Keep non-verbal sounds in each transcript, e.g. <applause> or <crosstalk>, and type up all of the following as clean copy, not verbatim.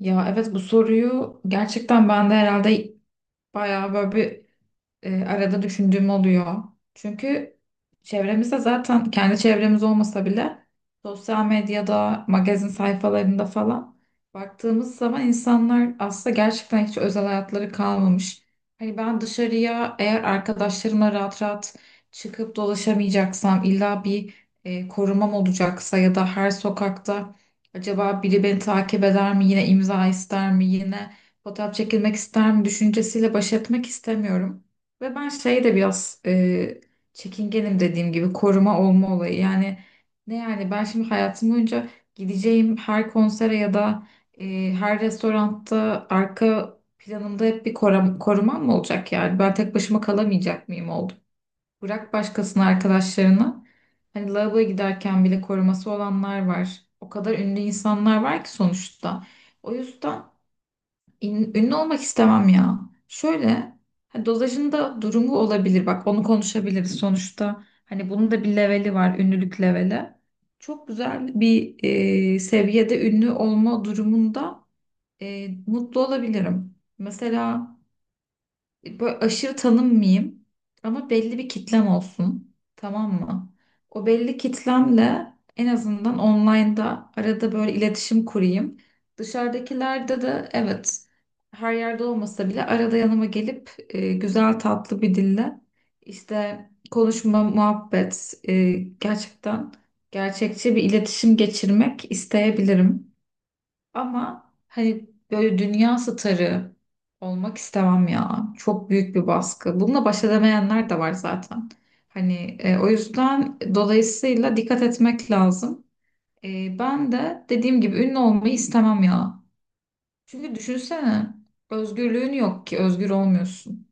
Ya evet, bu soruyu gerçekten ben de herhalde bayağı böyle bir arada düşündüğüm oluyor. Çünkü çevremizde, zaten kendi çevremiz olmasa bile sosyal medyada, magazin sayfalarında falan baktığımız zaman insanlar aslında gerçekten hiç özel hayatları kalmamış. Hani ben dışarıya eğer arkadaşlarımla rahat rahat çıkıp dolaşamayacaksam, illa bir korumam olacaksa ya da her sokakta acaba biri beni takip eder mi, yine imza ister mi, yine fotoğraf çekilmek ister mi düşüncesiyle baş etmek istemiyorum. Ve ben şey de biraz çekingenim, dediğim gibi koruma olma olayı. Yani ne, yani ben şimdi hayatım boyunca gideceğim her konsere ya da her restoranda arka planımda hep bir korumam mı olacak yani? Ben tek başıma kalamayacak mıyım oldu? Bırak başkasını, arkadaşlarını. Hani lavaboya giderken bile koruması olanlar var. O kadar ünlü insanlar var ki sonuçta. O yüzden ünlü olmak istemem ya. Şöyle, ha, dozajında durumu olabilir. Bak, onu konuşabiliriz sonuçta. Hani bunun da bir leveli var, ünlülük leveli. Çok güzel bir seviyede ünlü olma durumunda mutlu olabilirim. Mesela böyle aşırı tanınmayayım ama belli bir kitlem olsun. Tamam mı? O belli kitlemle en azından online'da arada böyle iletişim kurayım. Dışarıdakilerde de evet, her yerde olmasa bile arada yanıma gelip güzel tatlı bir dille işte konuşma, muhabbet, gerçekten gerçekçi bir iletişim geçirmek isteyebilirim. Ama hani böyle dünya starı olmak istemem ya. Çok büyük bir baskı. Bununla baş edemeyenler de var zaten. Hani o yüzden, dolayısıyla dikkat etmek lazım. Ben de dediğim gibi ünlü olmayı istemem ya. Çünkü düşünsene, özgürlüğün yok ki, özgür olmuyorsun.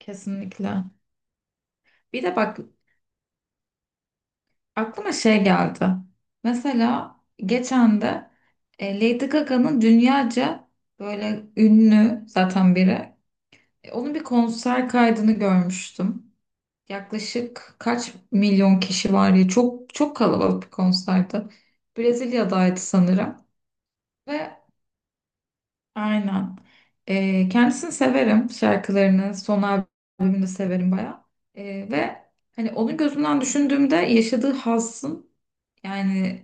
Kesinlikle. Bir de bak, aklıma şey geldi. Mesela geçen de Lady Gaga'nın, dünyaca böyle ünlü zaten biri. E, onun bir konser kaydını görmüştüm. Yaklaşık kaç milyon kişi var ya, çok çok kalabalık bir konserdi. Brezilya'daydı sanırım ve aynen. E, kendisini severim, şarkılarını, son albümünü de severim bayağı. E, ve hani onun gözünden düşündüğümde yaşadığı hassın, yani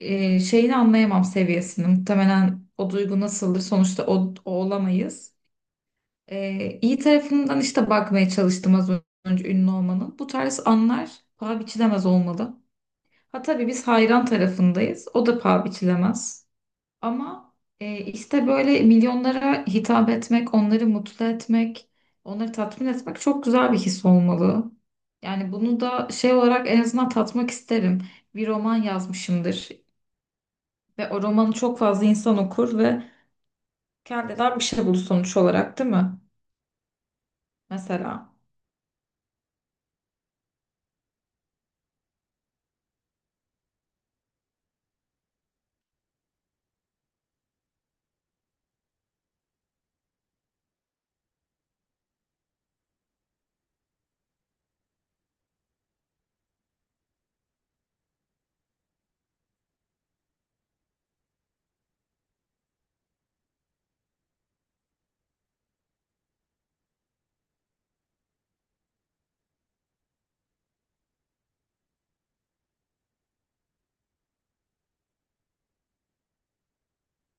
şeyini anlayamam, seviyesini. Muhtemelen o duygu nasıldır sonuçta, o olamayız. İyi tarafından işte bakmaya çalıştım az önce ünlü olmanın. Bu tarz anlar paha biçilemez olmalı. Ha tabii, biz hayran tarafındayız. O da paha biçilemez. Ama işte böyle milyonlara hitap etmek, onları mutlu etmek, onları tatmin etmek çok güzel bir his olmalı. Yani bunu da şey olarak en azından tatmak isterim. Bir roman yazmışımdır ve o romanı çok fazla insan okur ve kendinden bir şey bulur sonuç olarak, değil mi? Mesela.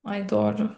Ay doğru.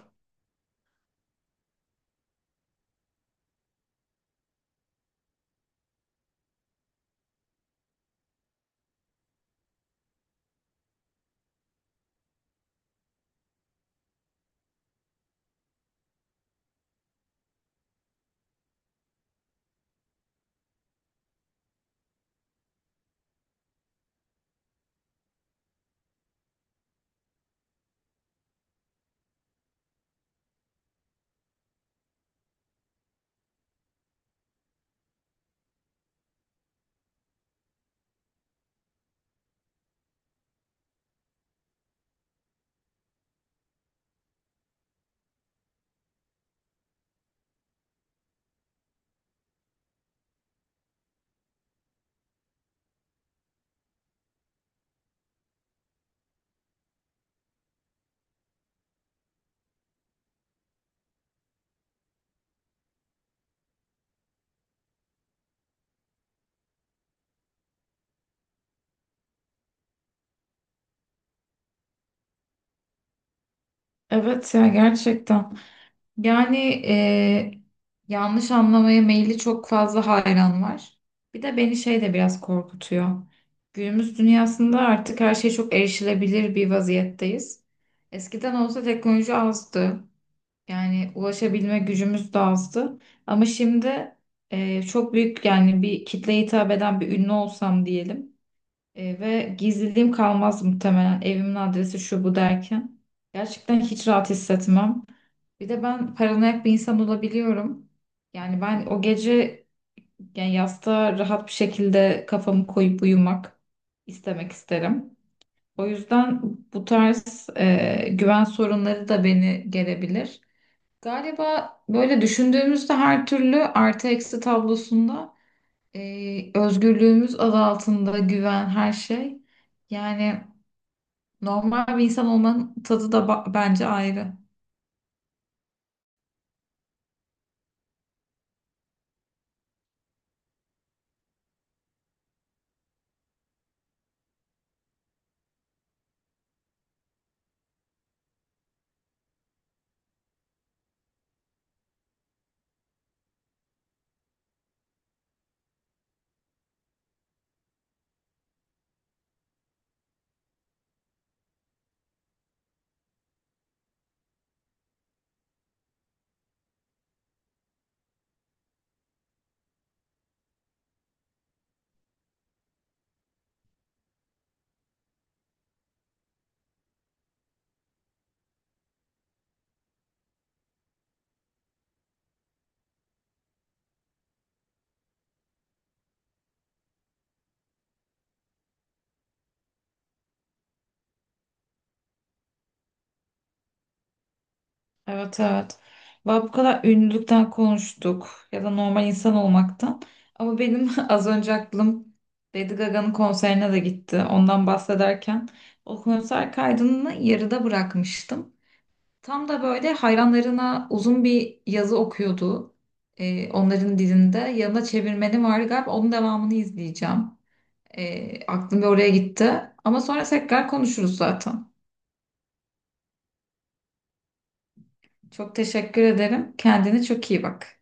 Evet ya, gerçekten. Yani e, yanlış anlamaya meyilli çok fazla hayran var. Bir de beni şey de biraz korkutuyor. Günümüz dünyasında artık her şey çok erişilebilir bir vaziyetteyiz. Eskiden olsa teknoloji azdı. Yani ulaşabilme gücümüz de azdı. Ama şimdi çok büyük yani bir kitleye hitap eden bir ünlü olsam diyelim, ve gizliliğim kalmaz, muhtemelen evimin adresi şu bu derken gerçekten hiç rahat hissetmem. Bir de ben paranoyak bir insan olabiliyorum. Yani ben o gece, yani yastığa rahat bir şekilde kafamı koyup uyumak isterim. O yüzden bu tarz güven sorunları da beni gelebilir. Galiba böyle düşündüğümüzde her türlü artı eksi tablosunda özgürlüğümüz adı altında güven her şey. Yani normal bir insan olmanın tadı da bence ayrı. Evet, evet. Valla bu kadar ünlülükten konuştuk ya da normal insan olmaktan. Ama benim <laughs> az önce aklım Lady Gaga'nın konserine de gitti. Ondan bahsederken o konser kaydını yarıda bırakmıştım. Tam da böyle hayranlarına uzun bir yazı okuyordu. Onların dilinde. Yanına çevirmeni var galiba. Onun devamını izleyeceğim. Aklım bir oraya gitti. Ama sonra tekrar konuşuruz zaten. Çok teşekkür ederim. Kendine çok iyi bak.